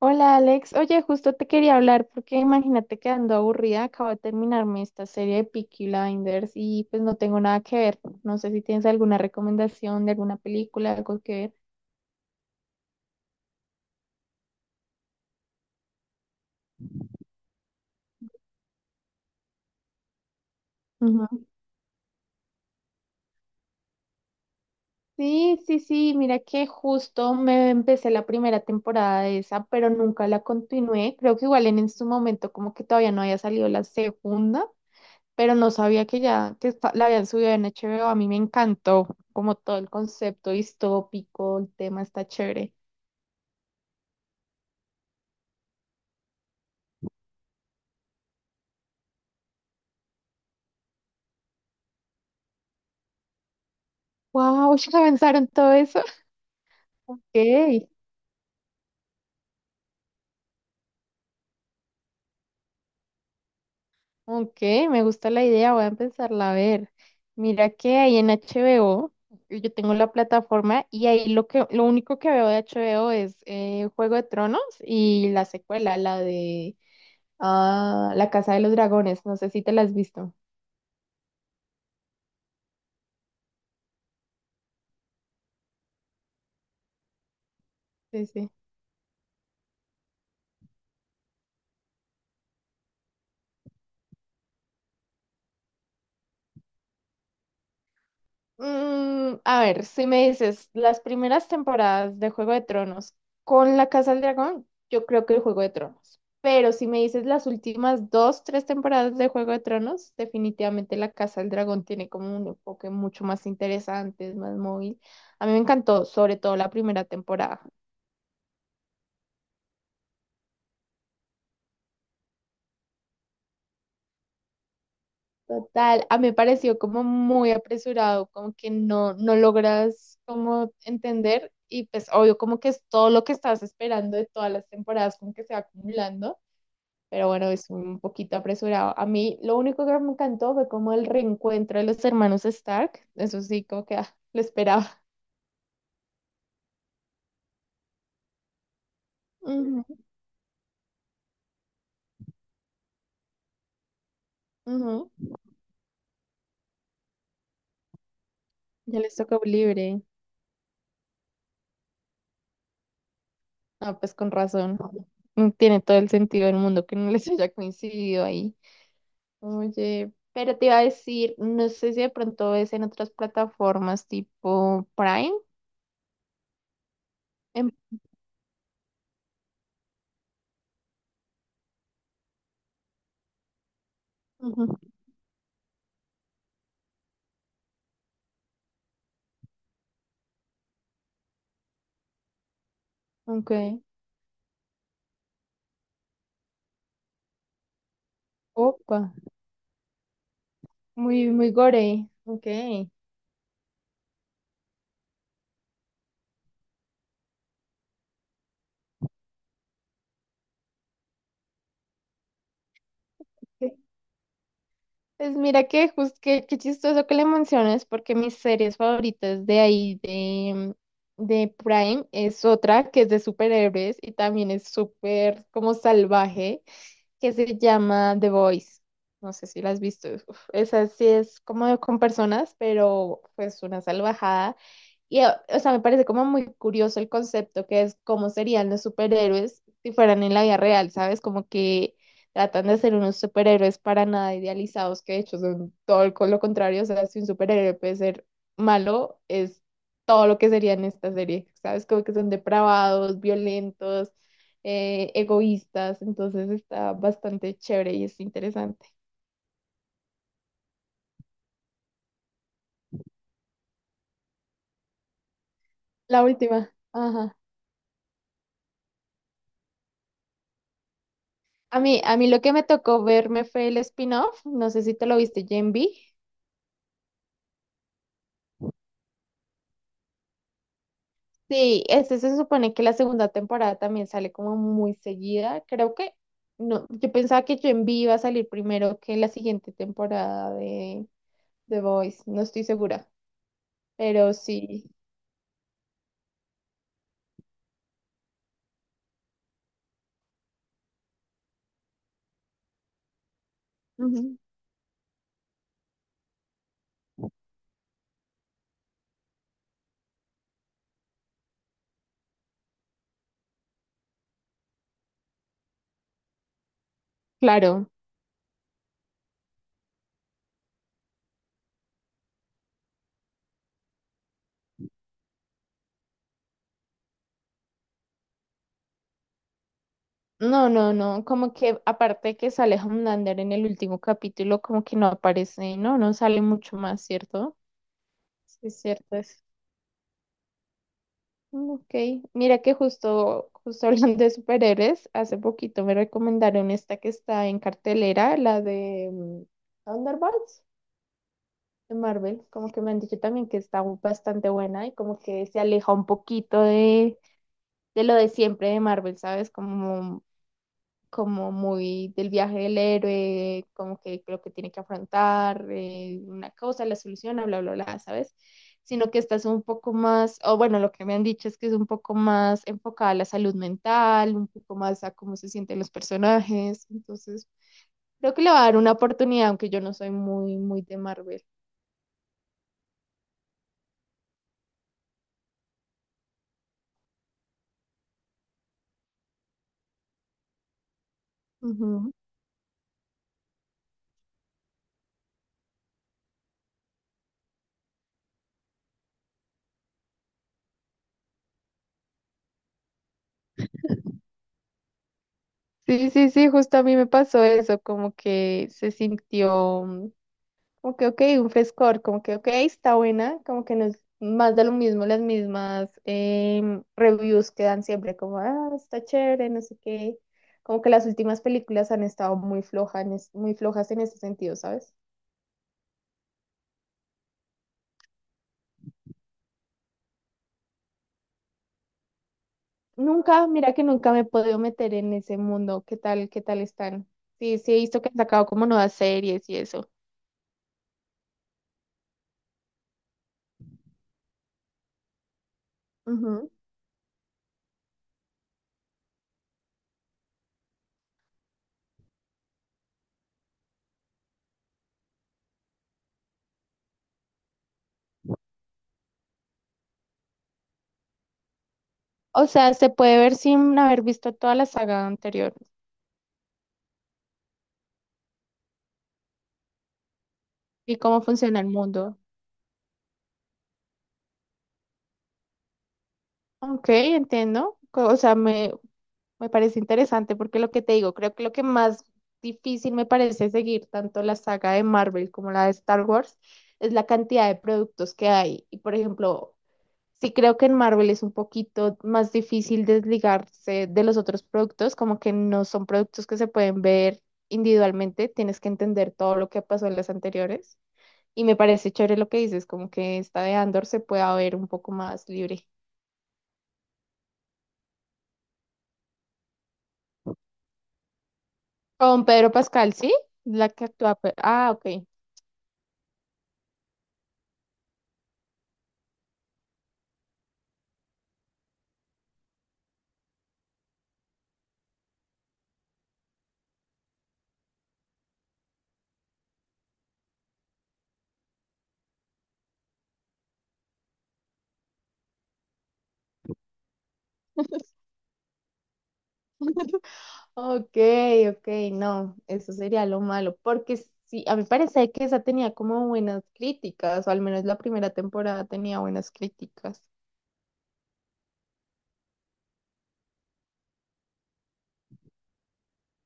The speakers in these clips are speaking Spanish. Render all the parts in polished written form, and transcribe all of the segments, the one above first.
Hola Alex, oye, justo te quería hablar porque imagínate que ando aburrida, acabo de terminarme esta serie de Peaky Blinders y pues no tengo nada que ver. No sé si tienes alguna recomendación de alguna película, algo que ver. Ujú. Sí, sí, sí, mira que justo me empecé la primera temporada de esa, pero nunca la continué. Creo que igual en su momento como que todavía no había salido la segunda, pero no sabía que ya que la habían subido en HBO. A mí me encantó como todo el concepto distópico, el tema está chévere. Wow, ya pensaron todo eso. Ok, ok, me gusta la idea, voy a empezarla a ver. Mira que ahí en HBO, yo tengo la plataforma y ahí lo que, lo único que veo de HBO es Juego de Tronos y la secuela, la de ah, La Casa de los Dragones. No sé si te la has visto. Sí, sí. Mm, a ver, si me dices las primeras temporadas de Juego de Tronos con la Casa del Dragón, yo creo que el Juego de Tronos. Pero si me dices las últimas dos, tres temporadas de Juego de Tronos, definitivamente la Casa del Dragón tiene como un enfoque mucho más interesante, es más móvil. A mí me encantó, sobre todo la primera temporada. Total, a mí me pareció como muy apresurado, como que no, no logras como entender y pues obvio como que es todo lo que estás esperando de todas las temporadas como que se va acumulando, pero bueno, es un poquito apresurado. A mí lo único que me encantó fue como el reencuentro de los hermanos Stark, eso sí, como que ah, lo esperaba. Ujú, ujú. Ya les tocó libre. Ah, pues con razón. No tiene todo el sentido del mundo que no les haya coincidido ahí. Oye, pero te iba a decir, no sé si de pronto ves en otras plataformas tipo Prime. En- Ujú. Ok. Opa, muy, muy gore. Ok. Pues mira que justo que, qué chistoso que le menciones porque mis series favoritas de ahí de Prime es otra que es de superhéroes y también es súper como salvaje, que se llama The Voice. No sé si la has visto. Uf, esa sí es como con personas, pero pues una salvajada. Y, o sea, me parece como muy curioso el concepto que es cómo serían los superhéroes si fueran en la vida real, ¿sabes? Como que tratan de ser unos superhéroes para nada idealizados, que de hecho son con lo contrario. O sea, si un superhéroe puede ser malo, es todo lo que sería en esta serie, ¿sabes? Como que son depravados, violentos, egoístas. Entonces está bastante chévere y es interesante. La última. Ajá. A mí lo que me tocó verme fue el spin-off, no sé si te lo viste, Gen V. Sí, este se supone que la segunda temporada también sale como muy seguida. Creo que no, yo pensaba que Gen V iba a salir primero que la siguiente temporada de The Voice, no estoy segura, pero sí. Ujú. Claro. No, no, no, como que aparte que sale Homelander en el último capítulo, como que no aparece, no, no sale mucho más, ¿cierto? Sí, es cierto eso. Mm, ok, mira que justo, justo hablando de superhéroes, hace poquito me recomendaron esta que está en cartelera, la de Thunderbolts de Marvel, como que me han dicho también que está bastante buena y como que se aleja un poquito de lo de siempre de Marvel, ¿sabes? Como como muy del viaje del héroe, como que lo que tiene que afrontar, una cosa, la soluciona, bla, bla, bla, ¿sabes? Sino que estás un poco más, o bueno, lo que me han dicho es que es un poco más enfocada a la salud mental, un poco más a cómo se sienten los personajes, entonces creo que le va a dar una oportunidad, aunque yo no soy muy, muy de Marvel. Ujú. Sí, sí, sí, justo a mí me pasó eso, como que se sintió como que, ok, un frescor, como que, ok, está buena, como que no es más de lo mismo, las mismas reviews que dan siempre, como, ah, está chévere, no sé qué. Como que las últimas películas han estado muy flojas en ese sentido, ¿sabes? Nunca, mira que nunca me he podido meter en ese mundo, qué tal están? Sí, sí he visto que han sacado como nuevas series y eso. Ujú. O sea, se puede ver sin haber visto toda la saga anterior y cómo funciona el mundo. Ok, entiendo. O sea, me parece interesante porque lo que te digo, creo que lo que más difícil me parece seguir tanto la saga de Marvel como la de Star Wars es la cantidad de productos que hay. Y por ejemplo, sí creo que en Marvel es un poquito más difícil desligarse de los otros productos, como que no son productos que se pueden ver individualmente, tienes que entender todo lo que pasó en las anteriores. Y me parece chévere lo que dices, como que esta de Andor se pueda ver un poco más libre. Con Pedro Pascal, ¿sí? La que actúa. Ah, ok. Ok, ok, no, eso sería lo malo, porque sí, a mí parece que esa tenía como buenas críticas, o al menos la primera temporada tenía buenas críticas.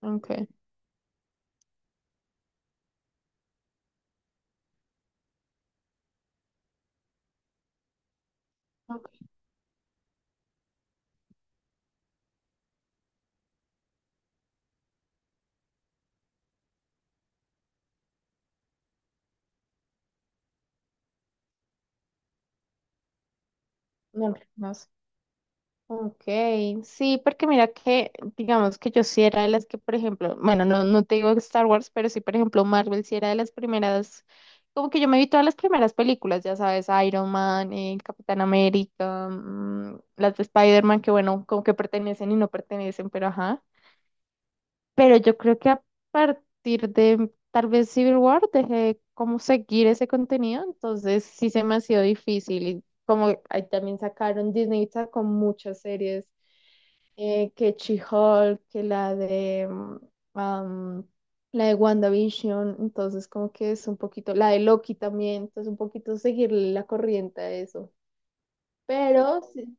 Ok, ok, no, no sé. Ok, sí, porque mira que, digamos que yo sí era de las que, por ejemplo, bueno, no, no te digo Star Wars, pero sí, por ejemplo, Marvel sí era de las primeras, como que yo me vi todas las primeras películas, ya sabes, Iron Man, Capitán América, las de Spider-Man, que bueno, como que pertenecen y no pertenecen, pero ajá. Pero yo creo que a partir de tal vez Civil War dejé de como seguir ese contenido, entonces sí se me ha sido difícil. Y como ahí también sacaron, Disney sacó muchas series, que She-Hulk, que la de am, la de WandaVision, entonces como que es un poquito, la de Loki también, entonces un poquito seguir la corriente a eso. Pero sí,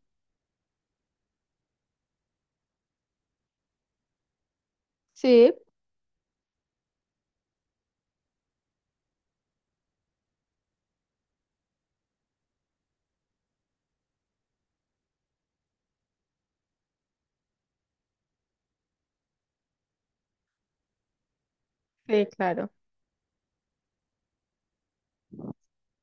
sí, sí, claro.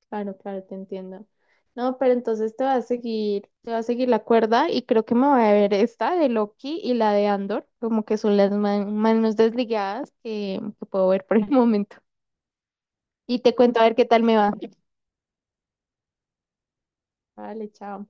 Claro, claro, te entiendo. No, pero entonces te va a seguir, te va a seguir la cuerda y creo que me voy a ver esta de Loki y la de Andor, como que son las manos desligadas que puedo ver por el momento. Y te cuento a ver qué tal me va. Vale, chao.